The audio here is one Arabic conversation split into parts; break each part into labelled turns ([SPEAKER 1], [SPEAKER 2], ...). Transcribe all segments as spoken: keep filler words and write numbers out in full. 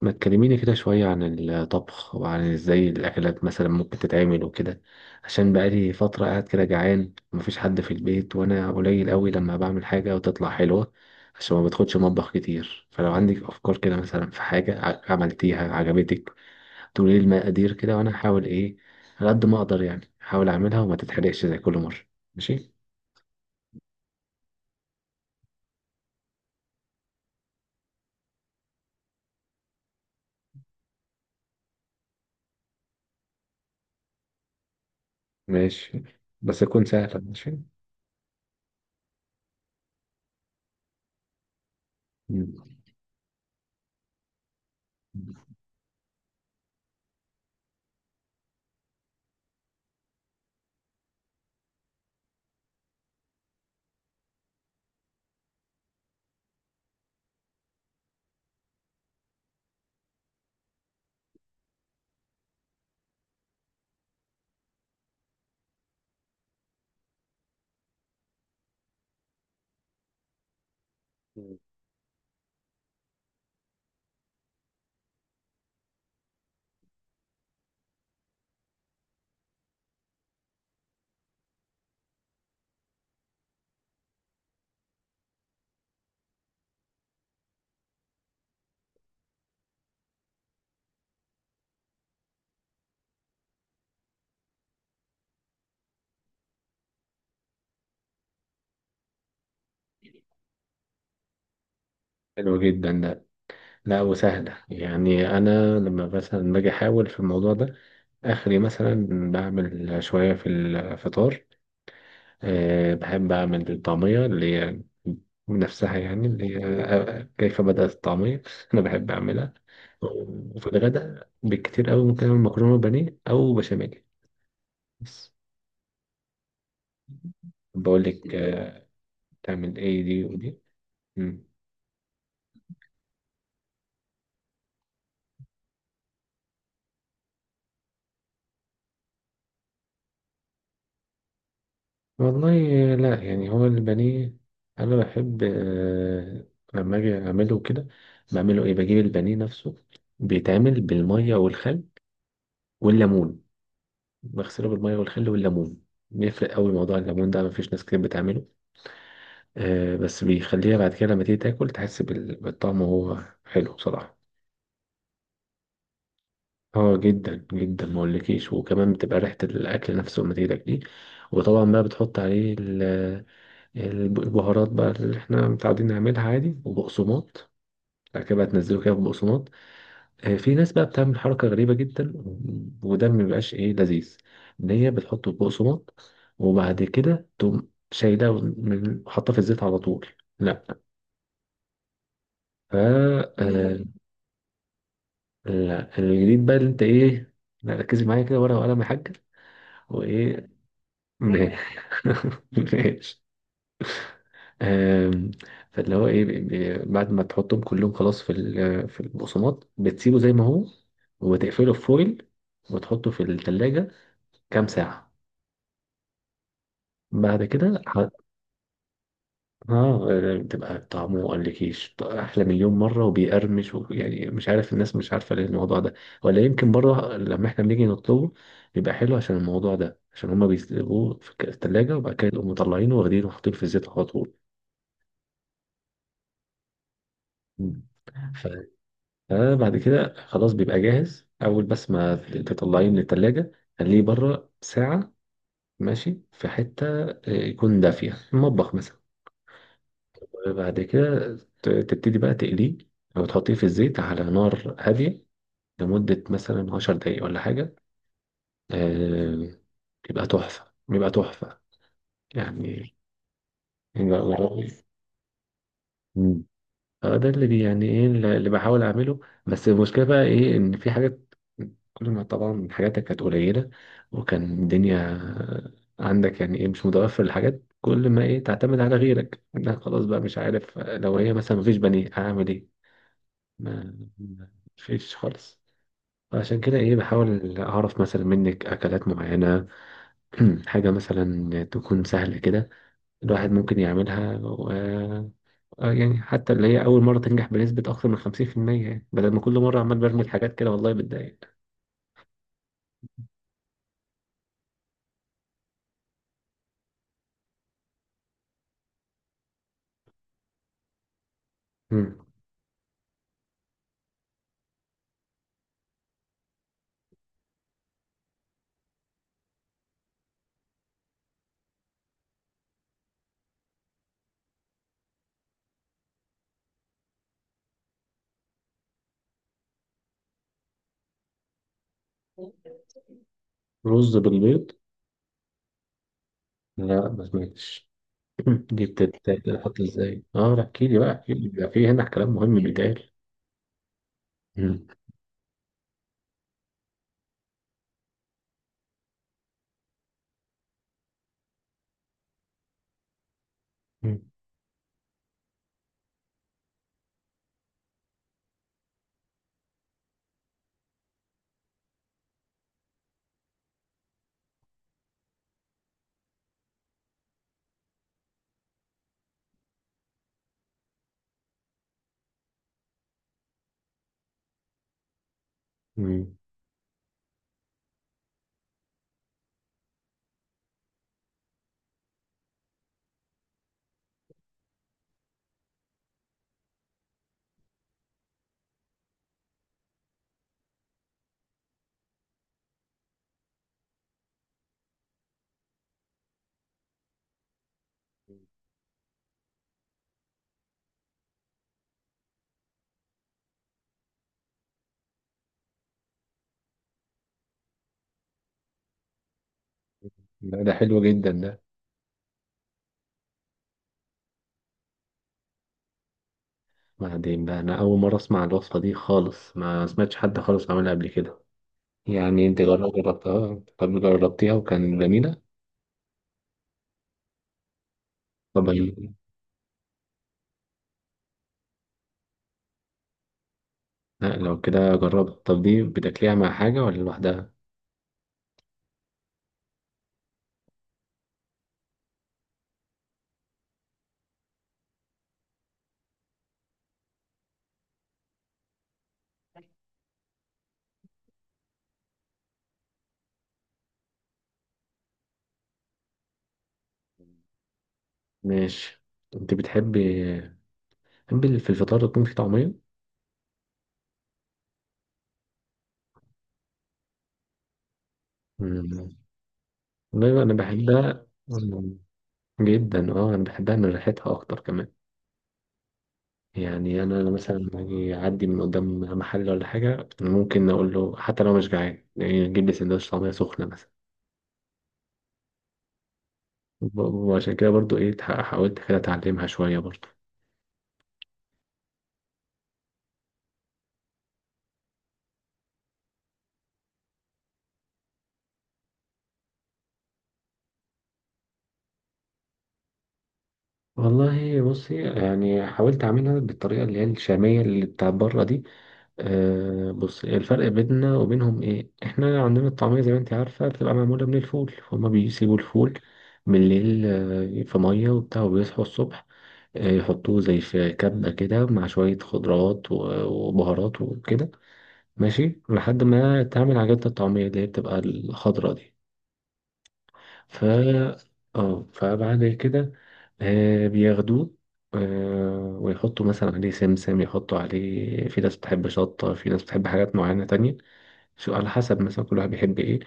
[SPEAKER 1] ما تكلميني كده شوية عن الطبخ، وعن ازاي الأكلات مثلا ممكن تتعمل وكده. عشان بقالي فترة قاعد كده جعان ومفيش حد في البيت، وأنا قليل قوي لما بعمل حاجة وتطلع حلوة، عشان ما بدخلش مطبخ كتير. فلو عندك أفكار كده مثلا في حاجة ع- عملتيها عجبتك، تقولي لي المقادير كده وأنا هحاول إيه على قد ما أقدر، يعني أحاول أعملها وما تتحرقش زي كل مرة. ماشي. ماشي، بس تكون سهلة. ماشي. مم. حلو جدا. لا وسهلة، يعني أنا لما مثلا باجي أحاول في الموضوع ده آخري مثلا بعمل شوية في الفطار. أه، بحب أعمل الطعمية اللي هي نفسها، يعني اللي هي آه، كيف بدأت الطعمية أنا بحب أعملها. وفي الغداء بالكتير أوي ممكن أعمل مكرونة بانيه أو بشاميل بس. بقول لك آه، تعمل إيه دي ودي. مم. والله لا، يعني هو البانيه انا بحب، آه، لما اجي اعمله كده بعمله ايه بجيب البانيه نفسه، بيتعمل بالميه والخل والليمون. بغسله بالميه والخل والليمون، بيفرق قوي موضوع الليمون ده، مفيش ناس كتير بتعمله. آه، بس بيخليها بعد كده لما تيجي تاكل تحس بال- بالطعم، وهو حلو بصراحه. اه جدا جدا ما اقولكيش، وكمان بتبقى ريحه الاكل نفسه لما تيجي تاكليه. وطبعا بقى بتحط عليه الب- البهارات بقى اللي احنا متعودين نعملها عادي وبقسماط. بعد كده بقى تنزله كده في بقسماط. آه، في ناس بقى بتعمل حركة غريبة جدا، وده ما بيبقاش ايه لذيذ. ان هي بتحطه في بقسماط، وبعد كده تقوم شايلاه، من- حاطاه في الزيت على طول. لا. ف آه، لا الجديد بقى اللي انت ايه. لا، ركزي معايا كده، ورقة وقلم يا حاجة. وايه. ماشي. آم، فاللي هو ايه، بي- بي- بعد ما تحطهم كلهم خلاص في ال- في البقسماط، بتسيبه زي ما هو وتقفله في فويل، وتحطه في التلاجة كام ساعة. بعد كده ح... اه، آه، بتبقى طعمه مقلكيش احلى مليون مرة وبيقرمش، و... يعني مش عارف، الناس مش عارفة ليه الموضوع ده. ولا يمكن بره لما احنا بنيجي نطلبه بيبقى حلو، عشان الموضوع ده، عشان هما بيسيبوه في التلاجة وبعد كده يقوموا مطلعينه واخدينه وحاطينه في الزيت على طول. مم. آه، بعد كده خلاص بيبقى جاهز، اول بس ما تطلعيه من التلاجة خليه بره ساعة، ماشي، في حتة آه، يكون دافية المطبخ مثلا. وبعد كده ت- تبتدي بقى تقليه، او تحطيه في الزيت على نار هادية لمدة مثلا عشر دقايق ولا حاجة. آه. بيبقى تحفة، بيبقى تحفة يعني. اه، ده اللي بي يعني ايه اللي بحاول اعمله. بس المشكله بقى ايه، ان في حاجات كل ما طبعا حاجاتك كانت قليله، وكان الدنيا عندك يعني ايه مش متوفر الحاجات، كل ما ايه تعتمد على غيرك انا خلاص بقى مش عارف، لو هي مثلا مفيش بني اعمل ايه. ما ما- مفيش خالص. عشان كده ايه بحاول اعرف مثلا منك اكلات معينه. حاجه مثلا تكون سهله كده، الواحد ممكن يعملها. آه، يعني حتى اللي هي أول مرة تنجح بنسبة أكثر من خمسين في المية يعني، بدل ما كل مرة عمال برمي حاجات كده والله بتضايق. مم. رز بالبيض. لا ما سمعتش. دي بتتحط ازاي؟ اه لا، احكي لي بقى، احكي لي، بيبقى في هنا كلام مهم بيتقال. مم. مم. مم. لا، ده حلو جدا ده. بعدين بقى، انا اول مره اسمع الوصفه دي خالص، ما سمعتش حد خالص عملها قبل كده. يعني انت جرب- جربتها، طب جربتيها وكان جميله. طب ال- لا لو كده جربها. طب دي بتاكليها مع حاجه ولا لوحدها؟ ماشي. انت بتحبي، بتحبي في الفطار تكون في طعمية؟ مم. والله انا بحبها. مم. جدا، اه انا بحبها من ريحتها اكتر كمان. يعني انا أنا مثلا لما أجي اعدي من قدام محل ولا حاجة، أنا ممكن اقول له حتى لو مش جعان يعني اجيب لي سندوتش طعمية سخنة مثلا. ب- وعشان كده برضو ايه، تح- حاولت كده اتعلمها شوية برضو. والله بصي، يعني حاولت اعملها بالطريقة اللي هي الشامية، اللي بتاعت بره دي. آه، بص الفرق بيننا وبينهم ايه، احنا عندنا الطعمية زي ما انت عارفة بتبقى معمولة من الفول، فهم بيسيبوا الفول بالليل آه، في مية وبتاع، وبيصحوا الصبح آه، يحطوه زي في كبة كده مع شوية خضروات و- وبهارات وكده، ماشي، لحد ما تعمل عجينة الطعمية اللي هي بتبقى الخضرا دي. ف اه فبعد كده آه، بياخدوه، آه، ويحطوا مثلا عليه سمسم، يحطوا عليه، في ناس بتحب شطة في ناس بتحب حاجات معينة تانية، شو على حسب مثلا كل واحد بيحب ايه.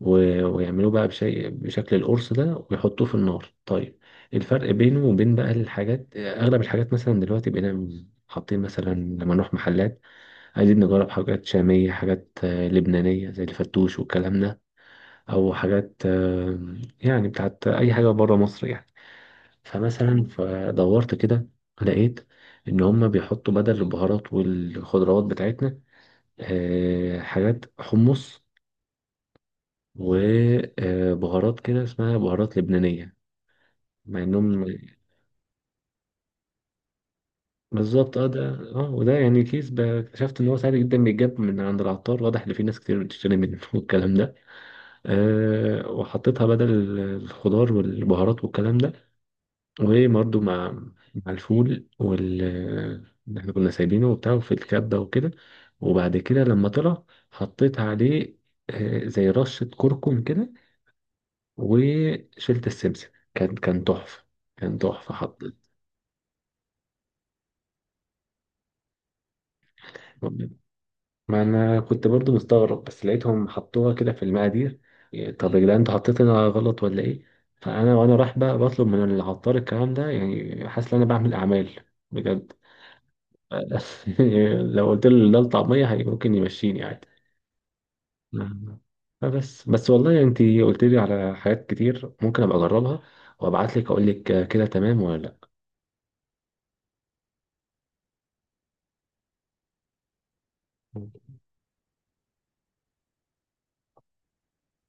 [SPEAKER 1] و... ويعملوه بقى بشيء بشكل القرص ده ويحطوه في النار. طيب، الفرق بينه وبين بقى الحاجات، اغلب الحاجات مثلا دلوقتي بقينا حاطين، مثلا لما نروح محلات عايزين نجرب حاجات شامية، حاجات آه، لبنانية زي الفتوش والكلام ده، أو حاجات آه، يعني بتاعت أي حاجة بره مصر يعني. فمثلا فدورت كده لقيت إن هما بيحطوا بدل البهارات والخضروات بتاعتنا آه، حاجات حمص وبهارات كده، اسمها بهارات لبنانية، مع انهم بالظبط. اه ده، اه وده يعني كيس ب- اكتشفت ان هو سهل جدا، بيتجاب من عند العطار، واضح ان في ناس كتير بتشتري منه والكلام ده. أه، وحطيتها بدل الخضار والبهارات والكلام ده، وبرده مع مع الفول وال اللي احنا كنا سايبينه وبتاع في الكبة وكده. وبعد كده لما طلع حطيت عليه آه، زي رشة كركم كده، وشلت السمسم. كان كان تحفة، كان تحفة. حطيت، ما أنا كنت برضو مستغرب، بس لقيتهم حطوها كده في المقادير. طب يا جدعان انتوا حطيتها غلط ولا إيه؟ فأنا وأنا رايح بقى بطلب من العطار الكلام ده، يعني حاسس إن أنا بعمل أعمال بجد. لو قلت له ده الطعمية هي ممكن يمشيني عادي. نعم. فبس بس والله، انت قلت لي على حاجات كتير ممكن ابقى اجربها، وابعت لك اقول لك كده تمام ولا لا.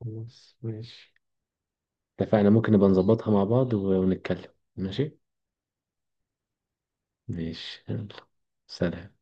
[SPEAKER 1] خلاص ماشي، اتفقنا. ممكن نبقى نظبطها مع بعض ونتكلم. ماشي. ماشي يلا. سلام.